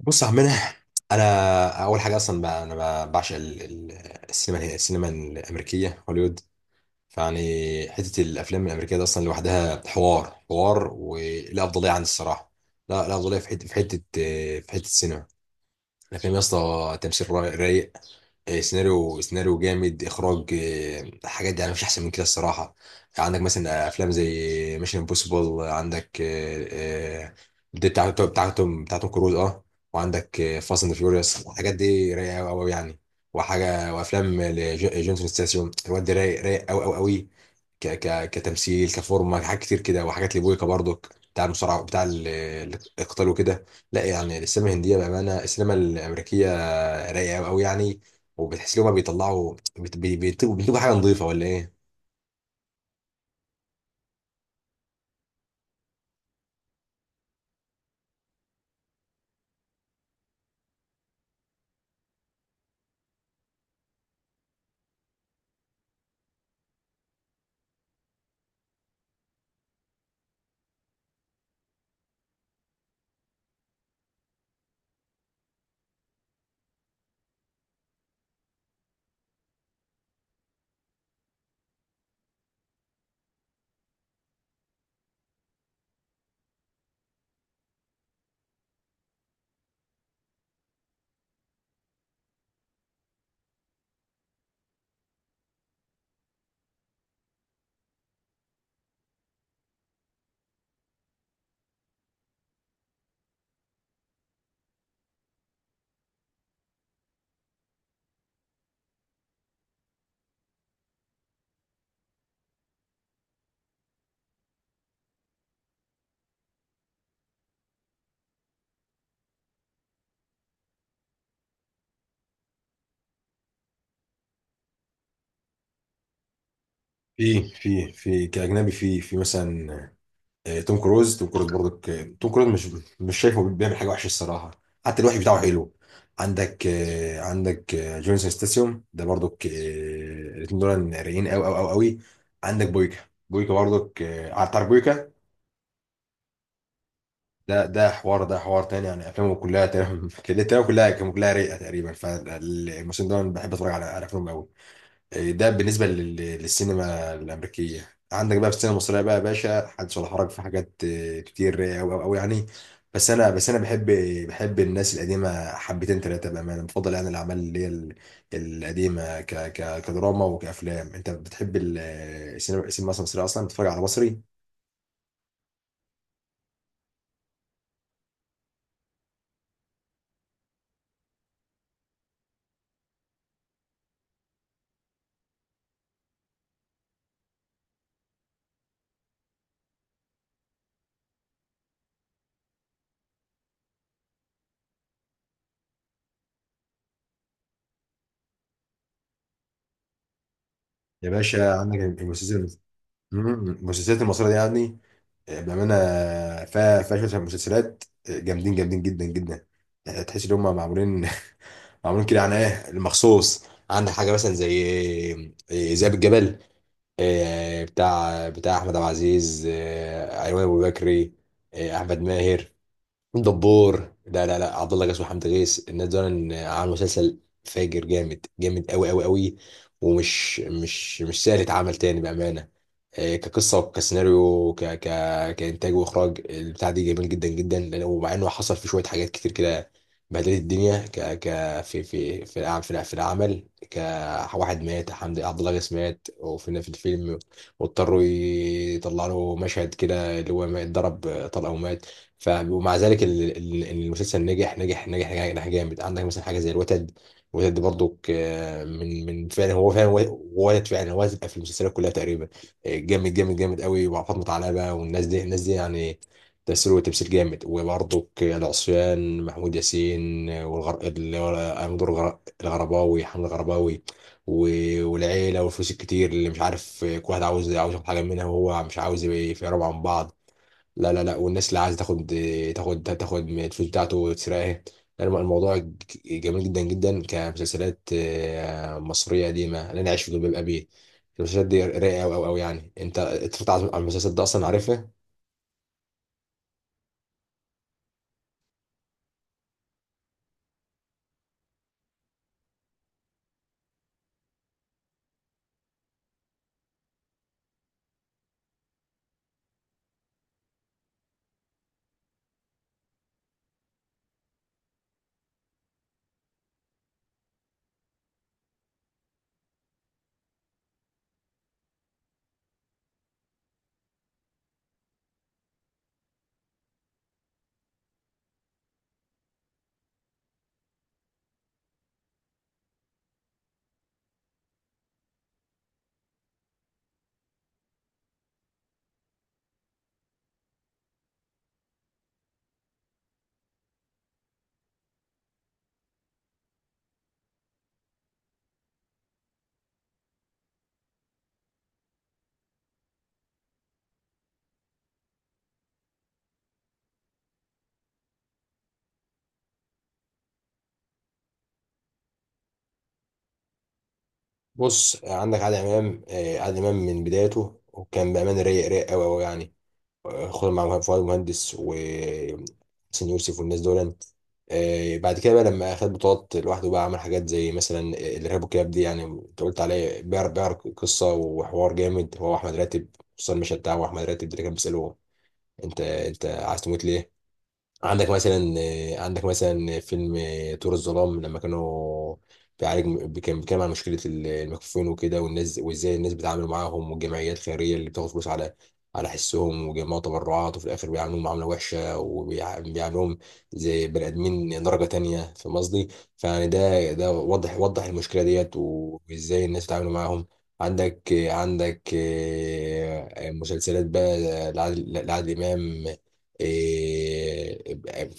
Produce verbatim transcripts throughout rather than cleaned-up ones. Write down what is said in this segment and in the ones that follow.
بص يا عمنا، انا اول حاجه اصلا بقى انا ب- بعشق ال- ال- السينما الهي- السينما الامريكيه هوليوود. فيعني حته الافلام الامريكيه دي اصلا لوحدها حوار حوار ولا افضليه عن الصراحه. لا، لا افضليه في حته في حته في حته السينما الافلام يا اسطى، تمثيل رايق. آه، سيناريو سيناريو جامد، اخراج، آه، حاجات يعني مفيش احسن من كده الصراحه. عندك مثلا افلام زي ميشن امبوسيبل، عندك آه، آه، دي بتاعته بتاعتهم بتاعتهم كروز اه وعندك فاست اند فيوريوس، الحاجات دي رايقه قوي قوي يعني. وحاجه وافلام لج- جونسون ستاسيوم، الواد ده رايق رايق قوي قوي قوي. ك ك كتمثيل كفورمه، حاجات كتير كده، وحاجات لبويكا برضك، بتاع المصارعه، بتاع ال- القتال وكده. لا يعني السينما الهنديه، بامانه السينما الامريكيه رايقه قوي يعني. وبتحس لهم بيطلعوا بت- بي- بيطلبوا بيطلبوا حاجه نظيفه ولا ايه؟ في في في كأجنبي، في في مثلا، آه، توم كروز توم كروز برضك، آه، توم كروز مش مش شايفه بيعمل حاجة وحشة الصراحة. حتى الوحش بتاعه حلو. عندك آه، عندك آه، جونسون ستاسيوم ده برضك، آه، الاتنين دول رايقين قوي قوي قوي قوي. عندك بويكا، بويكا برضك آه، عارف تعرف بويكا؟ ده ده حوار ده حوار تاني يعني، افلامه كلها تمام كده تمام، كلها كلها رايقة تقريبا. فالموسم ده أنا بحب اتفرج على على افلامه قوي. ده بالنسبة لل- للسينما الأمريكية. عندك بقى في السينما المصرية بقى يا باشا، حدث ولا حرج، في حاجات آه، كتير أوي أوي أوي يعني. بس أنا بس أنا بحب بحب الناس القديمة حبتين تلاتة، بأمانة بفضل يعني الأعمال اللي هي ال- القديمة ك ك كدراما وكأفلام. أنت بتحب ال- السينما السينما مثلا المصرية؟ أصلا بتتفرج على مصري؟ يا باشا، عندك المسلسلات. مم، المسلسلات المصرية دي يعني، آه، بأمانة فيها فيها شوية مسلسلات آه، جامدين جامدين جدا جدا. آه، تحس ان هم معمولين معمولين كده، يعني ايه المخصوص. عندك حاجه مثلا زي آه، ذئاب الجبل، آه، بتاع بتاع احمد عبد العزيز، آه، ايمن ابو بكري، آه، احمد ماهر دبور، لا لا لا، عبد الله جاسم وحمد غيث. الناس دول عملوا مسلسل فاجر جامد جامد قوي قوي قوي. ومش مش مش سهل يتعمل تاني بامانه. آه، كقصه وكسيناريو ك ك كانتاج واخراج، البتاع دي جميل جدا جدا. لأن- ومع انه حصل في شويه حاجات كتير كده بهدلت الدنيا، ك ك في في في العمل، في, الع- في العمل كواحد مات، حمد عبد الله غيث مات وفينا في الفيلم. واضطروا يطلعوا له مشهد كده اللي هو ما اتضرب طلقه ومات. ف ومع ذلك ال- ال- المسلسل نجح نجح نجح نجح نجح جامد. عندك مثلا حاجه زي الوتد. الوتد دي برضو، ك- من من فعلا، هو فعلا و- ولد فعلا، هو هتبقى في المسلسلات كلها تقريبا. آه، جامد جامد جامد قوي مع فاطمه علبه والناس دي الناس دي يعني، تأثير وتمثيل جامد. وبرضو العصيان، محمود ياسين، والغر... ال- أمير الغر... الغرباوي حمد الغرباوي. و- والعيله والفلوس الكتير، اللي مش عارف كل واحد عاوز عاوز ياخد حاجه منها، وهو مش عاوز يبقى في ربع عن بعض. لا لا لا، والناس اللي عايزه تاخد تاخد تاخد من الفلوس بتاعته وتسرقها. لا، الم- الموضوع ج- جميل جدا جدا كمسلسلات آه، مصريه قديمه، انا عايش في جلباب ابي. المسلسلات دي رايقه قوي قوي قوي يعني. انت اتفرجت على على المسلسل ده اصلا عارفها؟ بص، عندك عادل امام، آه، عادل امام من بدايته وكان بامانه رايق رايق قوي قوي يعني. خد مع فؤاد مهندس وحسين يوسف والناس دول. آه، بعد كده بقى لما خد بطولات لوحده بقى، عمل حاجات زي مثلا الارهاب والكباب. دي يعني انت قلت عليه، بيعرف بيعرف قصه وحوار جامد، هو احمد راتب. خصوصا المشهد بتاعه احمد راتب ده اللي كان بيساله، انت انت عايز تموت ليه؟ عندك مثلا عندك مثلا فيلم طور الظلام، لما كانوا بيعالج، كان بيتكلم عن مشكلة المكفوفين وكده والناس، وازاي الناس بيتعاملوا معاهم، والجمعيات الخيرية اللي بتاخد فلوس على على حسهم وجمعوا تبرعات، وفي الآخر بيعاملوهم معاملة وحشة، وبيعاملوهم زي بني آدمين درجة تانية. فاهم قصدي؟ فيعني ده ده وضح وضح المشكلة ديت، وازاي الناس بتتعامل معاهم. عندك عندك آه، مسلسلات بقى لعادل لعادل إمام. إيه،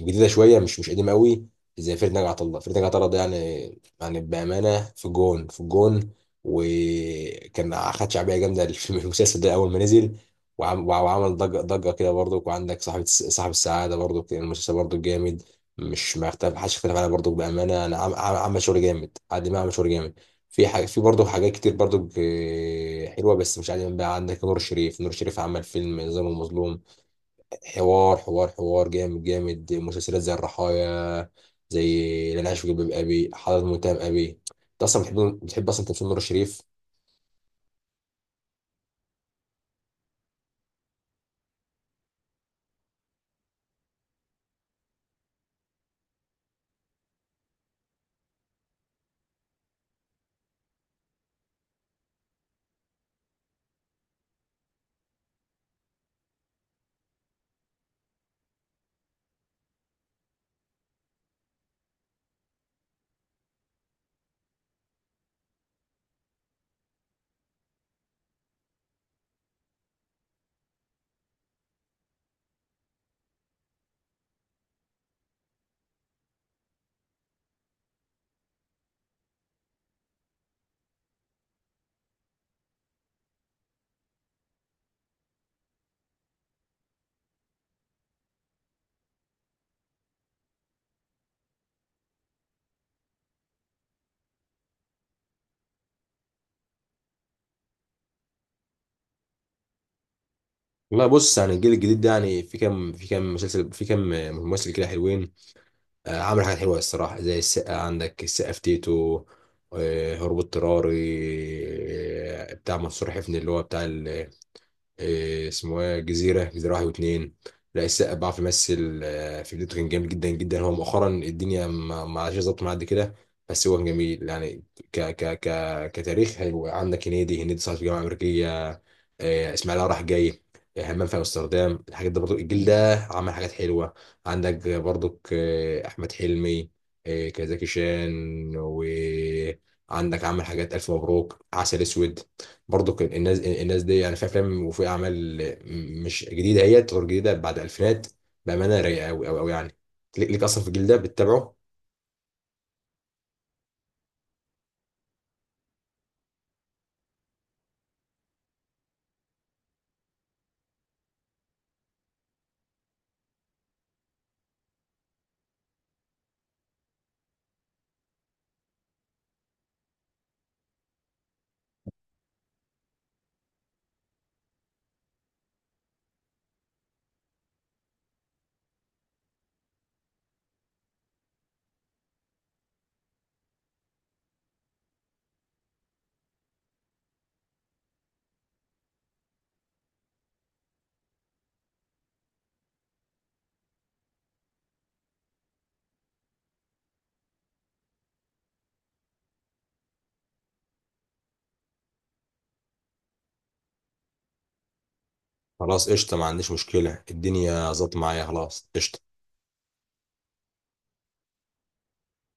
جديده شويه، مش مش قديمه قوي. زي فريد نجا عطا الله فريد نجا عطا الله ده يعني، يعني بامانه في الجون في الجون. وكان خد شعبيه جامده في المسلسل ده اول ما نزل. وعم- وعمل ضجه ضجه كده برضو. وعندك صاحب الس- صاحب السعاده برضو، كان المسلسل برضو جامد. مش، ما اختلف محدش اختلف عليه برضو بامانه. انا عم- عم- عمل شغل جامد، عادل امام عمل شغل جامد. في حاجة في برضه حاجات كتير برضه ج- حلوة بس مش عادي بقى. عندك نور الشريف نور الشريف عمل فيلم نظام المظلوم. حوار حوار حوار جامد جامد. مسلسلات زي الرحايا، زي اللي انا عايش في جلباب ابي، حضرة متهم ابي. انت اصلا بتحب بتحب اصلا تمثيل نور الشريف؟ والله بص، يعني الجيل الجديد ده يعني، في كام في كام مسلسل، في كام ممثل كده حلوين. آه، عملوا حاجات حلوه الصراحه، زي السقا، عندك السقا في تيتو، آه، هروب اضطراري، آه، بتاع منصور حفني، اللي هو بتاع إيه اسمه ايه، جزيرة جزيرة واحد واتنين. لا، السقا بيعرف يمثل. آه، في بدايته كان جامد جدا جدا. هو مؤخرا الدنيا ما ما عادش ظابطه معاه قد كده. بس هو كان جميل يعني. ك ك ك كتاريخ هيبقى. عندك هنيدي، هنيدي صار في جامعة أمريكية، آه، اسماعيل راح جاي، آه، همام في امستردام، الحاجات دي برضو. الجيل ده عمل حاجات حلوة. عندك برضو أحمد حلمي، آه، كزكي شان. وعندك عمل حاجات، ألف مبروك، عسل أسود. برضو كان، الناس الناس دي يعني في افلام وفي اعمال مش جديده، هي تطور جديده بعد الفينات. بامانه رايقه قوي قوي قوي يعني. ليك ليك اصلا في الجيل ده بتتابعه؟ خلاص قشطه، ما عنديش مشكله، الدنيا ظبط معايا. خلاص قشطه.